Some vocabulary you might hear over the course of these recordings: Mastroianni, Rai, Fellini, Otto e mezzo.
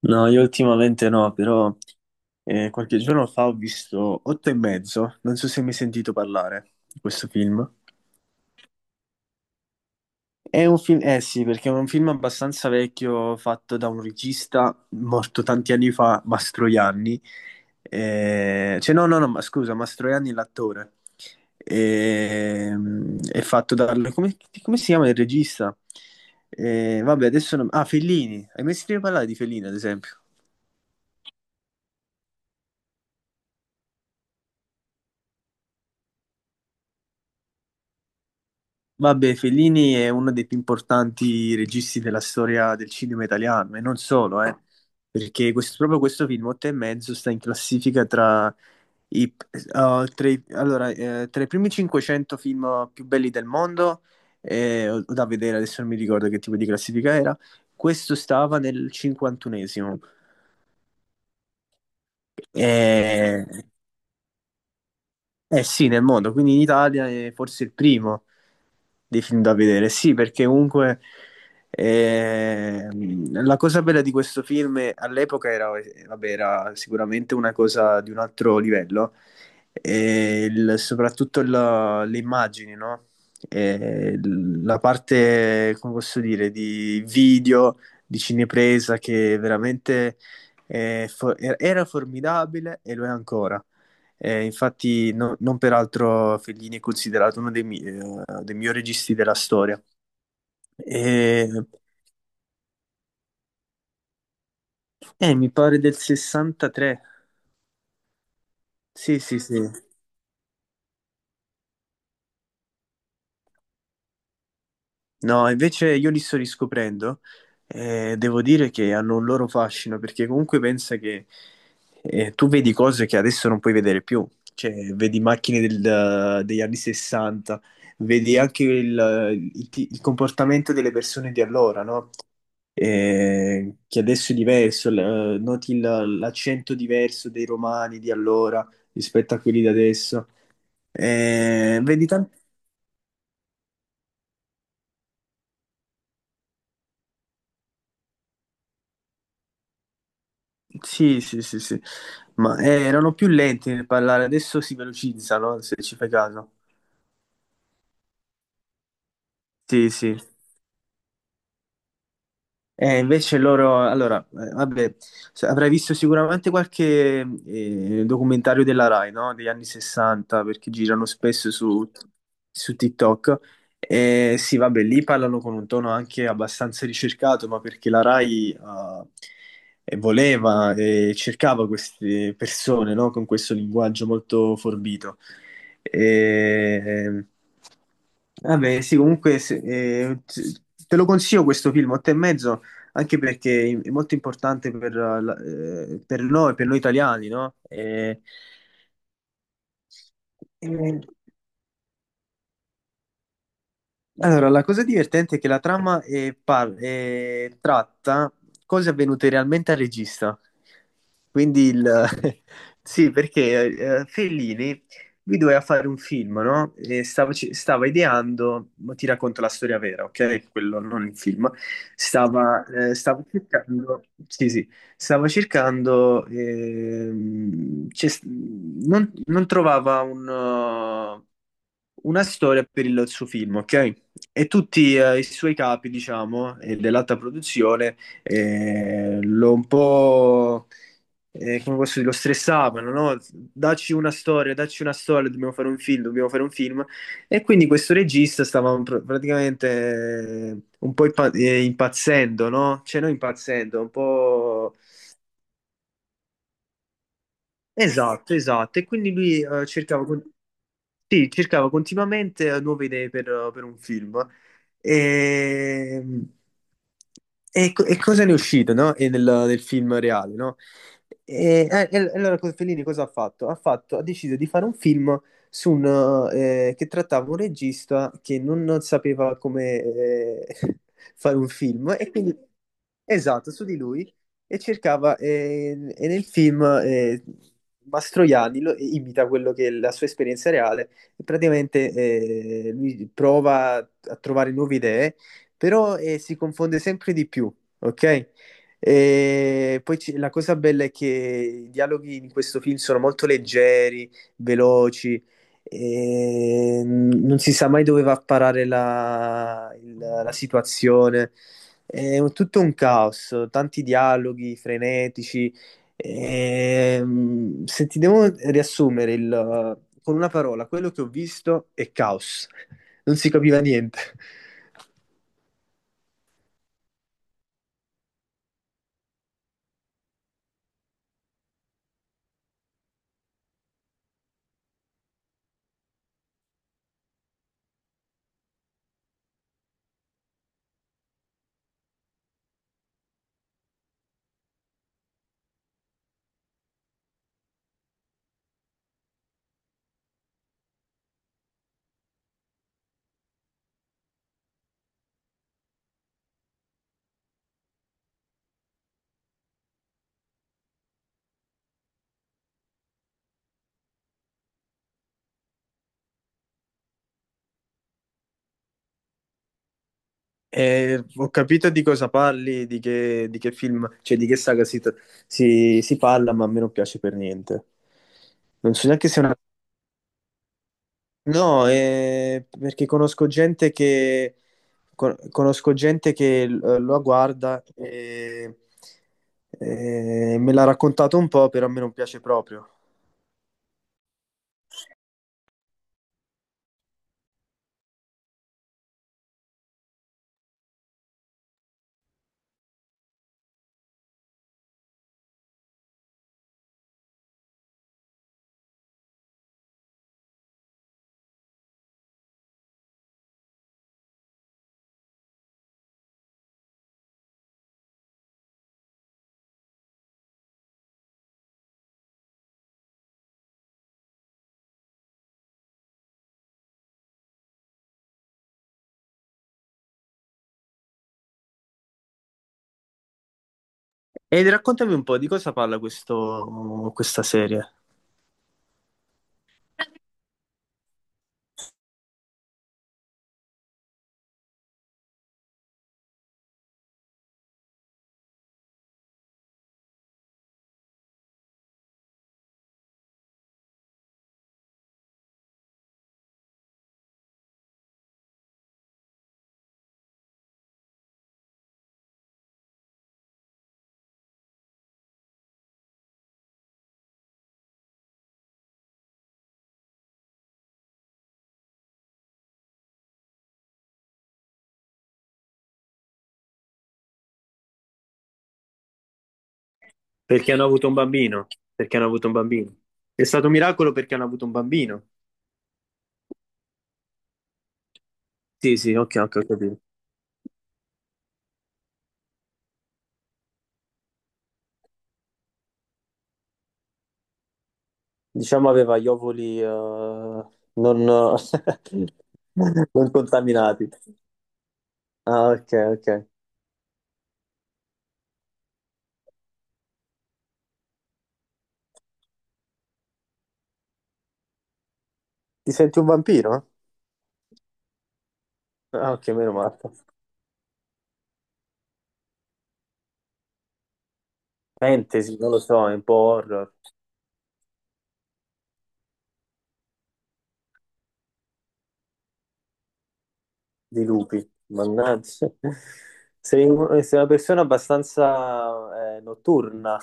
No, io ultimamente no, però qualche giorno fa ho visto Otto e mezzo, non so se mi hai sentito parlare di questo film. È un film, eh sì, perché è un film abbastanza vecchio fatto da un regista morto tanti anni fa, Mastroianni. Cioè, no, no, no, ma scusa, Mastroianni è l'attore. È fatto dal. Come si chiama il regista? Vabbè, adesso, ah, Fellini. Hai mai sentito parlare di Fellini, ad esempio? Vabbè, Fellini è uno dei più importanti registi della storia del cinema italiano e non solo, perché proprio questo film, Otto e mezzo, sta in classifica tra i, eh, allora, tra i primi 500 film più belli del mondo, o da vedere, adesso non mi ricordo che tipo di classifica era. Questo stava nel 51esimo, eh, eh sì, nel mondo, quindi in Italia è forse il primo dei film da vedere. Sì, perché comunque la cosa bella di questo film all'epoca vabbè, era sicuramente una cosa di un altro livello, soprattutto le immagini, no? La parte, come posso dire, di video, di cinepresa che veramente era formidabile e lo è ancora. Infatti, non peraltro Fellini è considerato uno dei migliori registi della storia. E, Mi pare del 63. Sì, sì, sì. No, invece io li sto riscoprendo e devo dire che hanno un loro fascino perché comunque pensa che tu vedi cose che adesso non puoi vedere più. Cioè, vedi macchine degli anni 60, vedi anche il comportamento delle persone di allora, no? Che adesso è diverso, noti l'accento diverso dei romani di allora rispetto a quelli di adesso. Vedi tanti. Sì, sì, sì, sì, ma erano più lenti nel parlare, adesso si velocizzano, se ci fai caso. Sì, sì. Invece loro, allora, vabbè, avrai visto sicuramente qualche documentario della Rai, no? Degli anni 60, perché girano spesso su TikTok. Sì, vabbè, lì parlano con un tono anche abbastanza ricercato, ma perché la Rai voleva e cercava queste persone, no? Con questo linguaggio molto forbito. Eh, Vabbè, sì, comunque te lo consiglio questo film, Otto e mezzo, anche perché è molto importante per noi italiani, no? E- Allora, la cosa divertente è che la trama tratta cose avvenute realmente al regista. Quindi il. Sì, perché Fellini lui doveva fare un film, no? E stava ideando, ma ti racconto la storia vera, ok? Quello non il film. Stava cercando, sì, sì, stava cercando, non trovava una storia per il suo film, ok? E tutti i suoi capi, diciamo, dell'alta produzione, eh, lo un po', come posso dire, lo stressavano, no? Dacci una storia, dobbiamo fare un film, dobbiamo fare un film. E quindi questo regista stava praticamente un po' impazzendo, no? Cioè, non impazzendo, un po'. Esatto, esatto. E quindi lui cercava. Sì, cercavo continuamente nuove idee per un film. E, e cosa ne è uscito, no? E nel film reale, no? Allora, Fellini cosa ha fatto? Ha deciso di fare un film su che trattava un regista che non sapeva come fare un film e quindi, esatto, su di lui e cercava, e nel film, Mastroianni imita quello che è la sua esperienza reale e praticamente lui prova a trovare nuove idee, però si confonde sempre di più, ok? E poi la cosa bella è che i dialoghi in questo film sono molto leggeri, veloci, e non si sa mai dove va a parare la situazione. Tutto un caos, tanti dialoghi frenetici. Se ti devo riassumere con una parola, quello che ho visto è caos, non si capiva niente. Ho capito di cosa parli, di che film, cioè di che saga si parla, ma a me non piace per niente. Non so neanche se è una. No, perché conosco gente che lo guarda e me l'ha raccontato un po', però a me non piace proprio. E raccontami un po' di cosa parla questa serie. Perché hanno avuto un bambino. Perché hanno avuto un bambino. È stato un miracolo perché hanno avuto un bambino. Sì, sì, ok, ok, ho capito. Diciamo aveva gli ovuli non, non contaminati. Ah, ok, ok. Ti senti un vampiro? Ah, ok, meno male. Fantasy, non lo so, è un po' horror. Di lupi. Mannaggia. Sei una persona abbastanza notturna.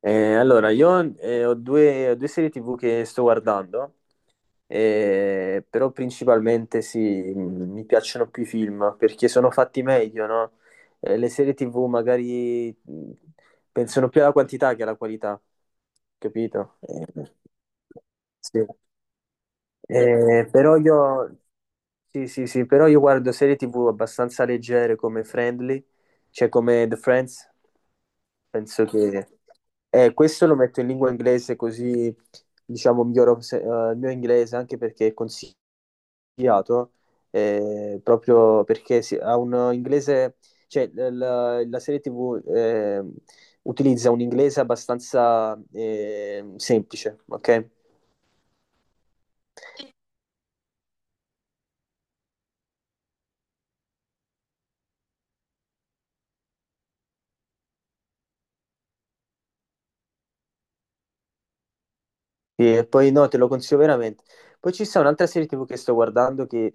Allora, io ho due serie TV che sto guardando, però principalmente sì, mi piacciono più i film perché sono fatti meglio, no? Le serie TV magari pensano più alla quantità che alla qualità, capito? Sì. Eh, però io, sì, sì, sì, però io guardo serie TV abbastanza leggere come Friendly, cioè come The Friends, penso che. Questo lo metto in lingua inglese così, diciamo, miglioro il mio inglese anche perché è consigliato, proprio perché ha un inglese, cioè la serie TV utilizza un inglese abbastanza semplice, ok? Sì, e poi no, te lo consiglio veramente. Poi ci sta un'altra serie TV che sto guardando che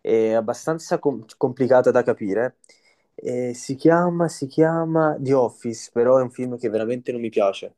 è abbastanza complicata da capire. Si chiama The Office, però è un film che veramente non mi piace.